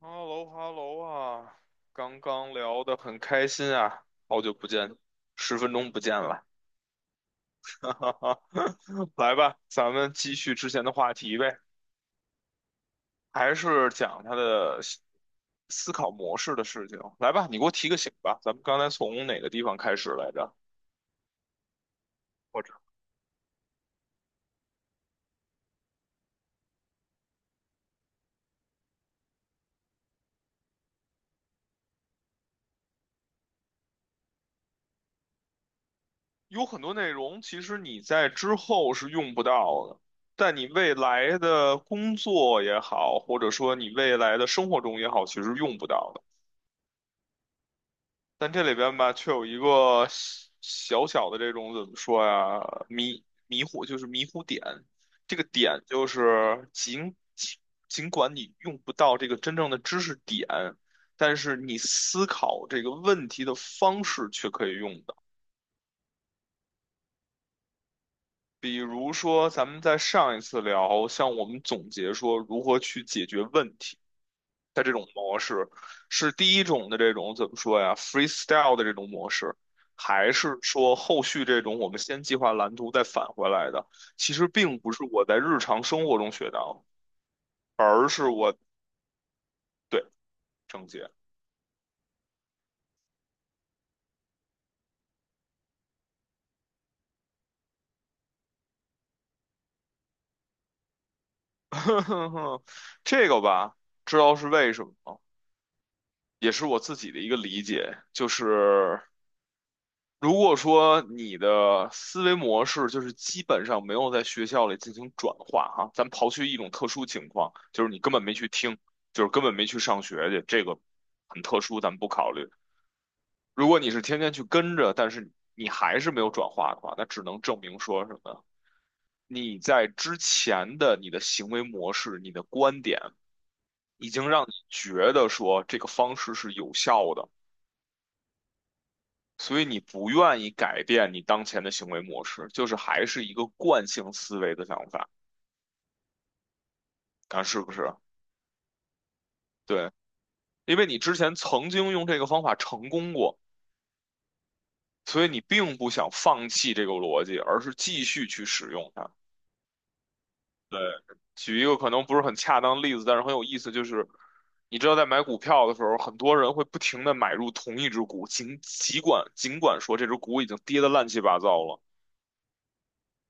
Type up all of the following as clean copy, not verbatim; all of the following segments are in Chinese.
哈喽哈喽啊，刚刚聊得很开心啊，好久不见，10分钟不见了，哈哈哈，来吧，咱们继续之前的话题呗，还是讲他的考模式的事情。来吧，你给我提个醒吧，咱们刚才从哪个地方开始来着？或者有很多内容，其实你在之后是用不到的，但你未来的工作也好，或者说你未来的生活中也好，其实用不到的。但这里边吧，却有一个小小的这种怎么说呀，迷糊点。这个点就是尽管你用不到这个真正的知识点，但是你思考这个问题的方式却可以用的。比如说，咱们在上一次聊，像我们总结说如何去解决问题。的这种模式，是第一种的这种怎么说呀，freestyle 的这种模式，还是说后续这种我们先计划蓝图再返回来的？其实并不是我在日常生活中学到，而是我对正解，这个吧，知道是为什么吗？也是我自己的一个理解，就是如果说你的思维模式就是基本上没有在学校里进行转化哈，咱刨去一种特殊情况，就是你根本没去听，就是根本没去上学去，这个很特殊，咱们不考虑。如果你是天天去跟着，但是你还是没有转化的话，那只能证明说什么？你在之前的你的行为模式、你的观点，已经让你觉得说这个方式是有效的。所以你不愿意改变你当前的行为模式，就是还是一个惯性思维的想法，看是不是？对，因为你之前曾经用这个方法成功过，所以你并不想放弃这个逻辑，而是继续去使用它。对，举一个可能不是很恰当的例子，但是很有意思，就是你知道在买股票的时候，很多人会不停的买入同一只股，尽管说这只股已经跌得乱七八糟了。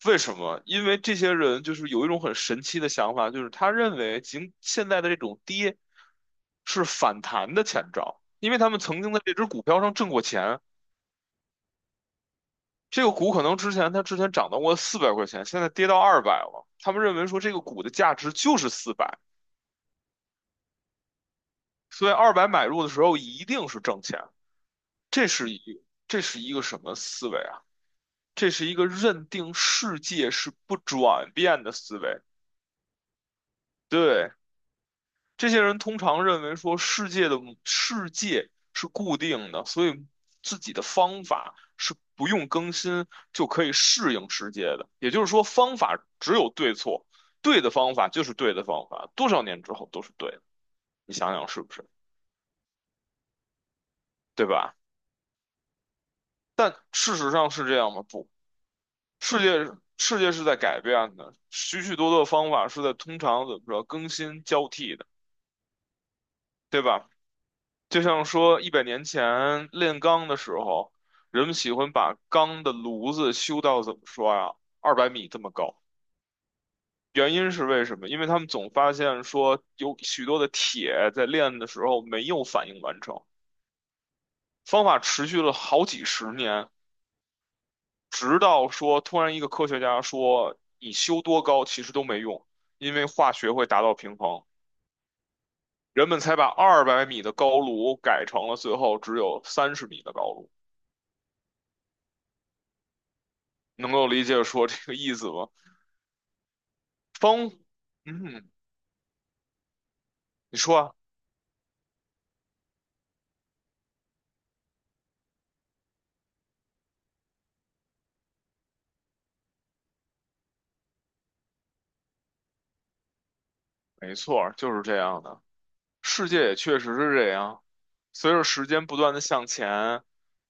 为什么？因为这些人就是有一种很神奇的想法，就是他认为现在的这种跌是反弹的前兆，因为他们曾经在这只股票上挣过钱。这个股可能之前涨到过400块钱，现在跌到二百了。他们认为说这个股的价值就是四百，所以二百买入的时候一定是挣钱。这是一这是一个什么思维啊？这是一个认定世界是不转变的思维。对，这些人通常认为说世界是固定的，所以自己的方法是不用更新就可以适应世界的。也就是说，方法只有对错，对的方法就是对的方法，多少年之后都是对的。你想想是不是？对吧？但事实上是这样吗？不，世界世界是在改变的，许许多多的方法是在通常怎么着更新交替的，对吧？就像说100年前炼钢的时候，人们喜欢把钢的炉子修到怎么说呀，二百米这么高。原因是为什么？因为他们总发现说有许多的铁在炼的时候没有反应完成。方法持续了好几十年，直到说突然一个科学家说你修多高其实都没用，因为化学会达到平衡，人们才把二百米的高炉改成了最后只有30米的高炉。能够理解说这个意思吗？方，嗯，你说啊，没错儿，就是这样的。世界也确实是这样，随着时间不断的向前，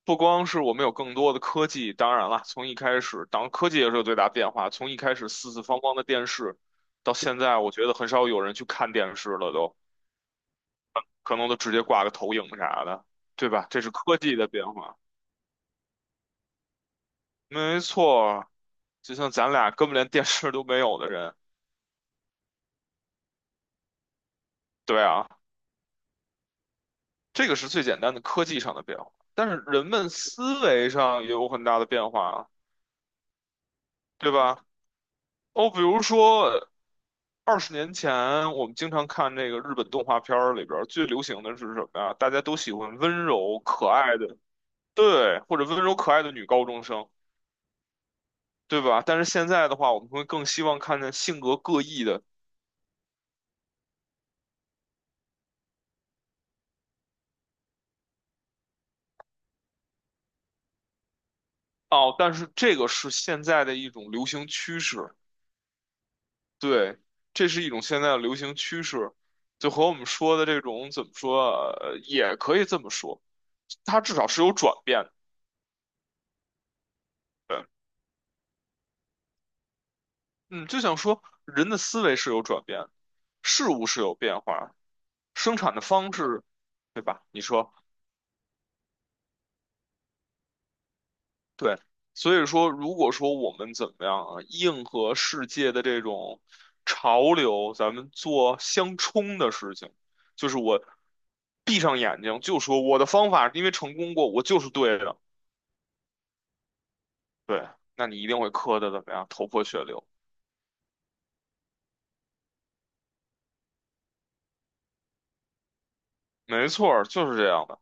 不光是我们有更多的科技，当然了，从一开始，当然科技也是有最大变化，从一开始四四方方的电视，到现在，我觉得很少有人去看电视了都，可能都直接挂个投影啥的，对吧？这是科技的变化，没错儿，就像咱俩根本连电视都没有的人，对啊。这个是最简单的科技上的变化，但是人们思维上也有很大的变化啊，对吧？哦，比如说20年前，我们经常看那个日本动画片儿里边儿最流行的是什么呀？大家都喜欢温柔可爱的，对，或者温柔可爱的女高中生，对吧？但是现在的话，我们会更希望看见性格各异的。哦，但是这个是现在的一种流行趋势。对，这是一种现在的流行趋势，就和我们说的这种怎么说啊，也可以这么说，它至少是有转变的。对，嗯，就想说人的思维是有转变，事物是有变化，生产的方式，对吧？你说对，所以说如果说我们怎么样啊，硬和世界的这种潮流，咱们做相冲的事情，就是我闭上眼睛就说我的方法，因为成功过，我就是对的。对，那你一定会磕的怎么样，头破血流。没错儿，就是这样的。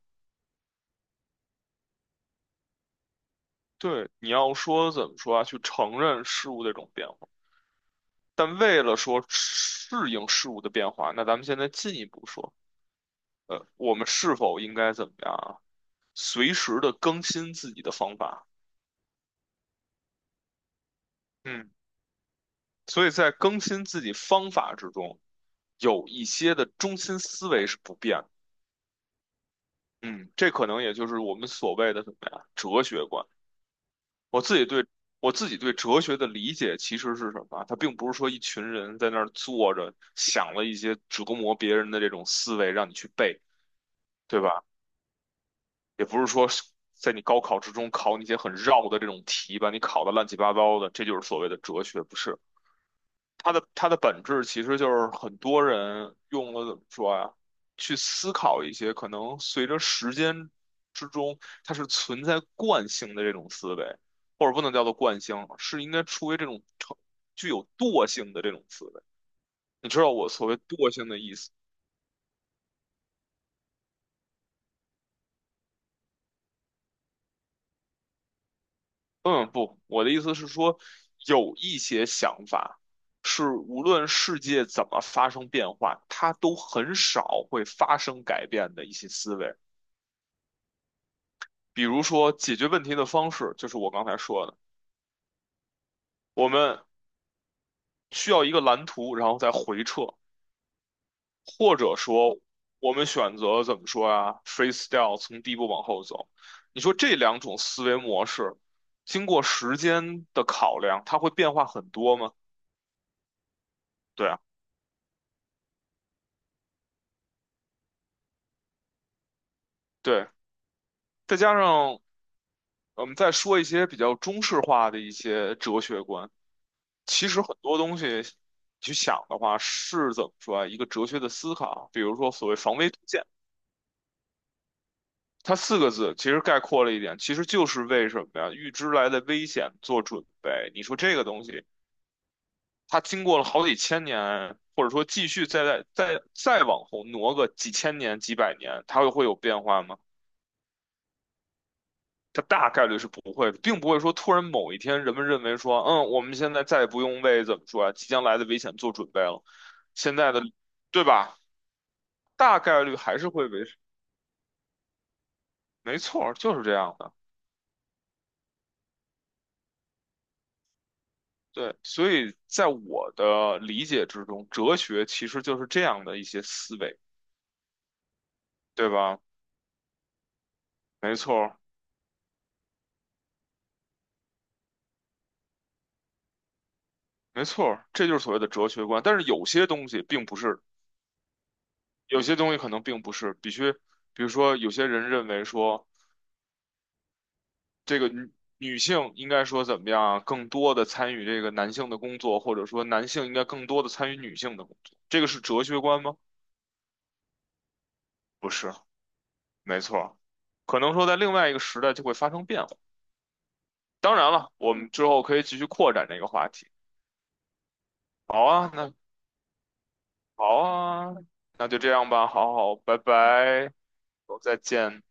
对，你要说怎么说啊，去承认事物的这种变化，但为了说适应事物的变化，那咱们现在进一步说，我们是否应该怎么样啊？随时的更新自己的方法。嗯，所以在更新自己方法之中，有一些的中心思维是不变的。嗯，这可能也就是我们所谓的怎么样，哲学观。我自己对我自己对哲学的理解其实是什么啊？它并不是说一群人在那儿坐着想了一些折磨别人的这种思维让你去背，对吧？也不是说是在你高考之中考你一些很绕的这种题，把你考得乱七八糟的，这就是所谓的哲学，不是？它的本质其实就是很多人用了怎么说呀，去思考一些可能随着时间之中，它是存在惯性的这种思维，或者不能叫做惯性，是应该出于这种具有惰性的这种思维。你知道我所谓惰性的意思？嗯，不，我的意思是说，有一些想法是无论世界怎么发生变化，它都很少会发生改变的一些思维。比如说解决问题的方式，就是我刚才说的，我们需要一个蓝图，然后再回撤，或者说我们选择怎么说啊，freestyle 从第一步往后走。你说这两种思维模式，经过时间的考量，它会变化很多吗？对啊，对，再加上我们再说一些比较中式化的一些哲学观。其实很多东西去想的话，是怎么说啊？一个哲学的思考，比如说所谓防微杜渐，它四个字其实概括了一点，其实就是为什么呀？预知来的危险做准备。你说这个东西，它经过了好几千年，或者说继续再往后挪个几千年、几百年，它会有变化吗？它大概率是不会的，并不会说突然某一天人们认为说，嗯，我们现在再也不用为怎么说啊，即将来的危险做准备了。现在的，对吧？大概率还是会维持，没错儿，就是这样的。对，所以在我的理解之中，哲学其实就是这样的一些思维，对吧？没错儿，没错儿，这就是所谓的哲学观。但是有些东西并不是，有些东西可能并不是必须。比如说，有些人认为说，这个女女性应该说怎么样啊更多的参与这个男性的工作，或者说男性应该更多的参与女性的工作，这个是哲学观吗？不是，没错儿，可能说在另外一个时代就会发生变化。当然了，我们之后可以继续扩展这个话题。好啊，那好啊，那就这样吧。好好，拜拜，再见。